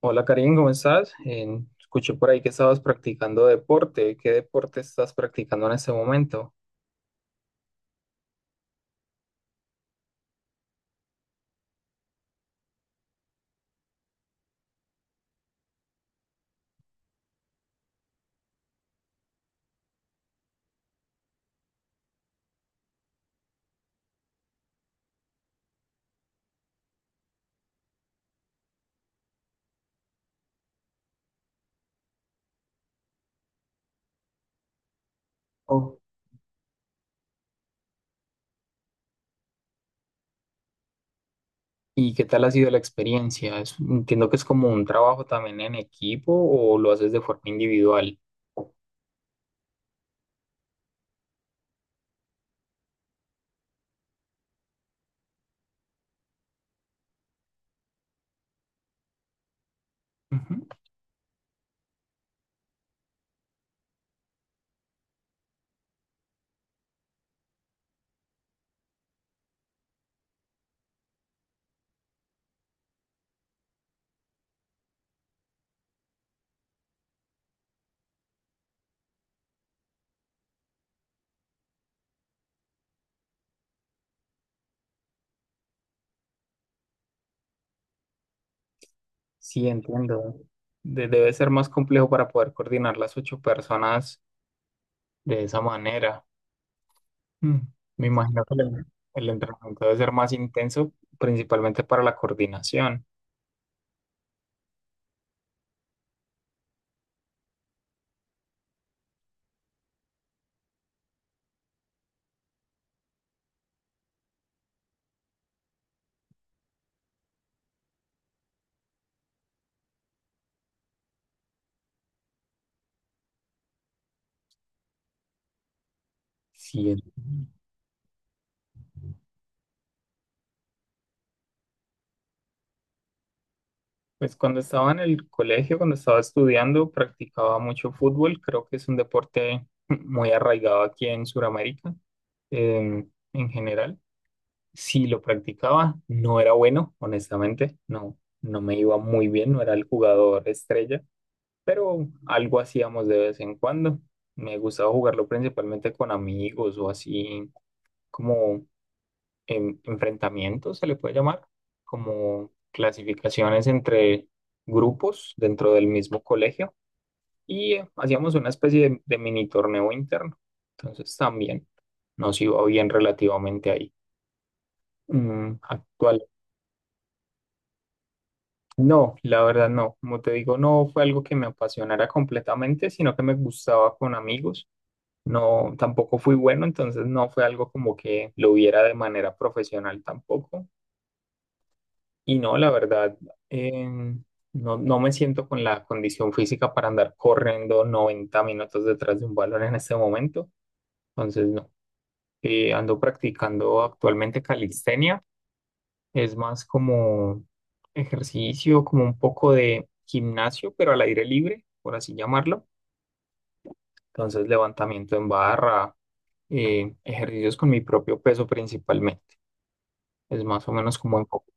Hola Karim, ¿cómo estás? Escuché por ahí que estabas practicando deporte. ¿Qué deporte estás practicando en este momento? Oh, ¿y qué tal ha sido la experiencia? Entiendo que es como un trabajo también en equipo o lo haces de forma individual. Ujú. Sí, entiendo. Debe ser más complejo para poder coordinar las ocho personas de esa manera. Mm. Me imagino que el entrenamiento debe ser más intenso, principalmente para la coordinación. Sí, pues cuando estaba en el colegio, cuando estaba estudiando, practicaba mucho fútbol. Creo que es un deporte muy arraigado aquí en Sudamérica, eh, en general. Si lo practicaba, no era bueno, honestamente. No, no me iba muy bien, no era el jugador estrella, pero algo hacíamos de vez en cuando. Me gustaba jugarlo principalmente con amigos o así como enfrentamientos, se le puede llamar, como clasificaciones entre grupos dentro del mismo colegio y hacíamos una especie de mini torneo interno. Entonces también nos iba bien relativamente ahí. Mm, actual. No, la verdad no. Como te digo, no fue algo que me apasionara completamente, sino que me gustaba con amigos. No, tampoco fui bueno, entonces no fue algo como que lo hubiera de manera profesional tampoco. Y no, la verdad, eh, no, no me siento con la condición física para andar corriendo 90 minutos detrás de un balón en este momento. Entonces, no. Ando practicando actualmente calistenia. Es más como ejercicio, como un poco de gimnasio, pero al aire libre, por así llamarlo. Entonces, levantamiento en barra, ejercicios con mi propio peso principalmente. Es más o menos como un poco.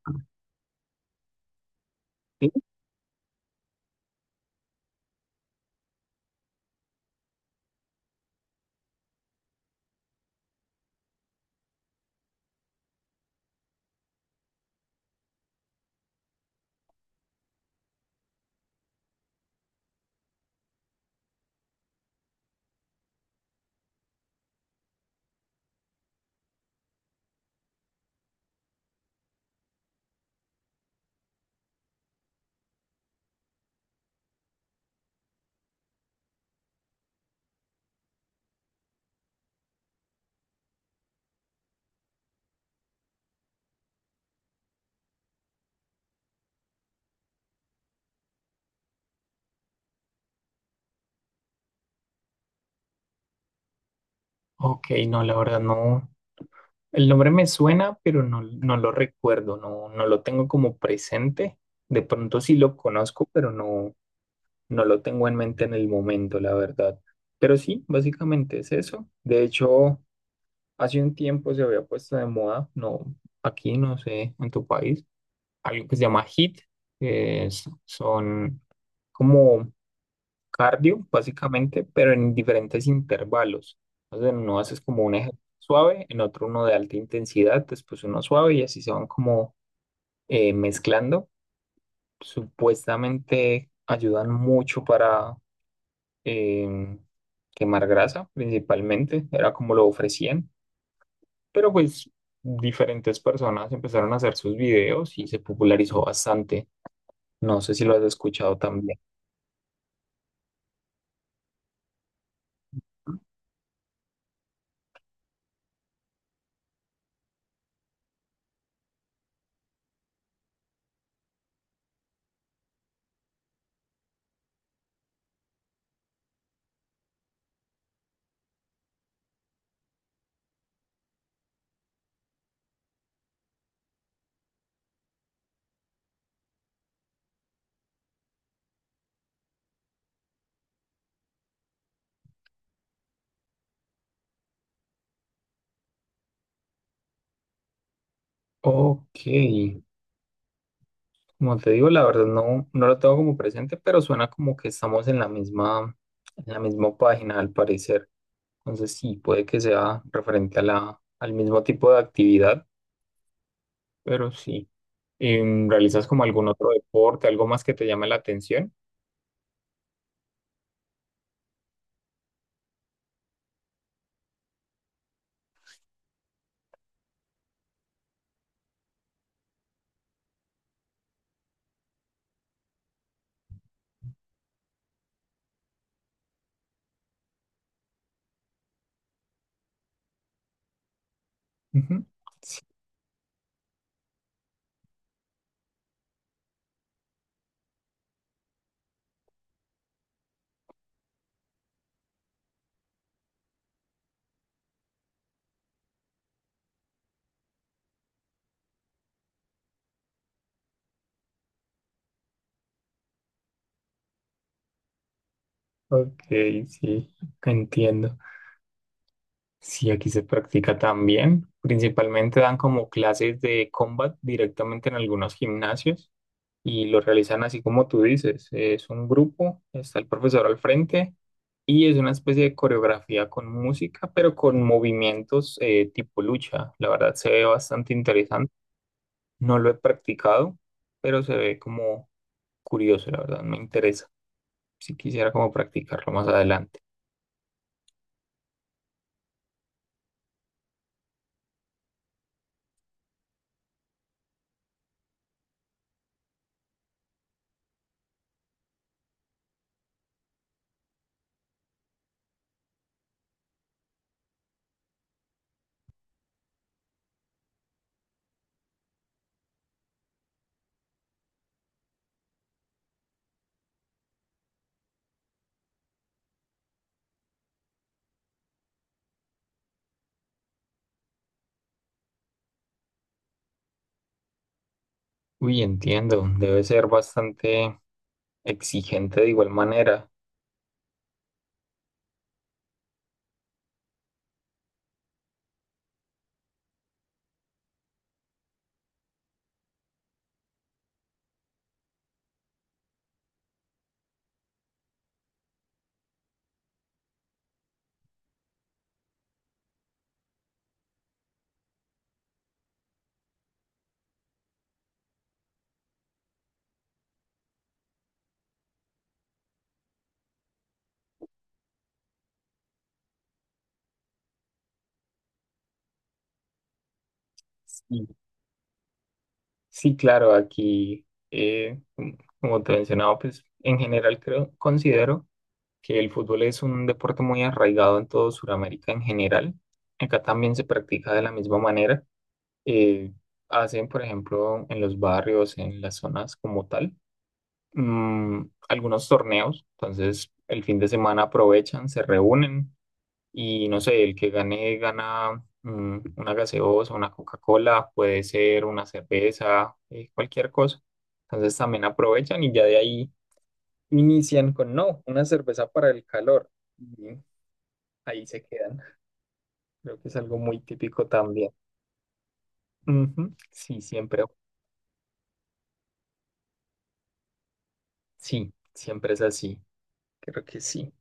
Ok, no, la verdad no. El nombre me suena, pero no, no lo recuerdo, no, no lo tengo como presente. De pronto sí lo conozco, pero no, no lo tengo en mente en el momento, la verdad. Pero sí, básicamente es eso. De hecho, hace un tiempo se había puesto de moda, no, aquí no sé, en tu país, algo que se llama HIIT, que es- son como cardio, básicamente, pero en diferentes intervalos. Entonces, en uno haces como un ejercicio suave, en otro uno de alta intensidad, después uno suave y así se van como mezclando. Supuestamente ayudan mucho para em, quemar grasa, principalmente, era como lo ofrecían, pero pues diferentes personas empezaron a hacer sus videos y se popularizó bastante. No sé si lo has escuchado también. Ok. Como te digo, la verdad no, no lo tengo como presente, pero suena como que estamos en la misma página al parecer. Entonces sí, puede que sea referente a al mismo tipo de actividad, pero sí. ¿Realizas como algún otro deporte, algo más que te llame la atención? Ujú. Sí, ok, sí, entiendo. Sí, aquí se practica también. Principalmente dan como clases de combat directamente en algunos gimnasios y lo realizan así como tú dices. Es un grupo, está el profesor al frente y es una especie de coreografía con música, pero con movimientos tipo lucha. La verdad se ve bastante interesante. No lo he practicado, pero se ve como curioso, la verdad, me interesa. Si quisiera como practicarlo más adelante. Uy, entiendo, debe ser bastante exigente de igual manera. Sí, sí, claro, aquí, como te mencionaba, pues en general creo, considero que el fútbol es un deporte muy arraigado en todo Sudamérica en general. Acá también se practica de la misma manera. Eh, Hacen, por ejemplo, en los barrios, en las zonas como tal, algunos torneos. Entonces, el fin de semana aprovechan, se reúnen y no sé, el que gane gana una gaseosa, una Coca-Cola, puede ser una cerveza, cualquier cosa. Entonces también aprovechan y ya de ahí inician con, no, una cerveza para el calor. Y ahí se quedan. Creo que es algo muy típico también. Ujú. Sí, siempre es así. Creo que sí.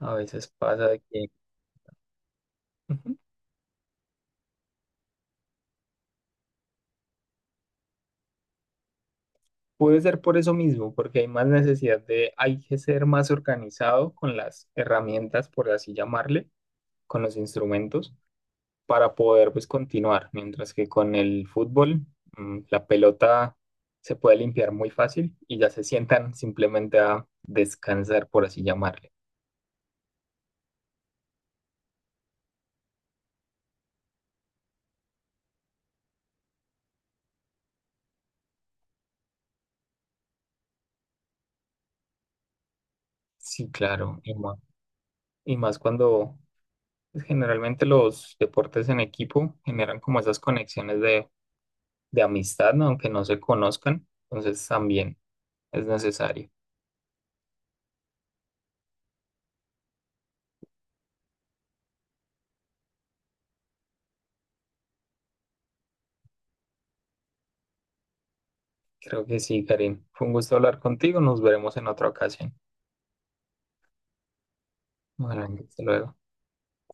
A veces pasa de que... Ujú. Puede ser por eso mismo, porque hay más necesidad de, hay que ser más organizado con las herramientas, por así llamarle, con los instrumentos para poder pues continuar, mientras que con el fútbol la pelota se puede limpiar muy fácil y ya se sientan simplemente a descansar, por así llamarle. Sí, claro, y más cuando pues, generalmente los deportes en equipo generan como esas conexiones de amistad, ¿no? Aunque no se conozcan, entonces también es necesario. Creo que sí, Karim. Fue un gusto hablar contigo, nos veremos en otra ocasión. Bueno, hasta luego.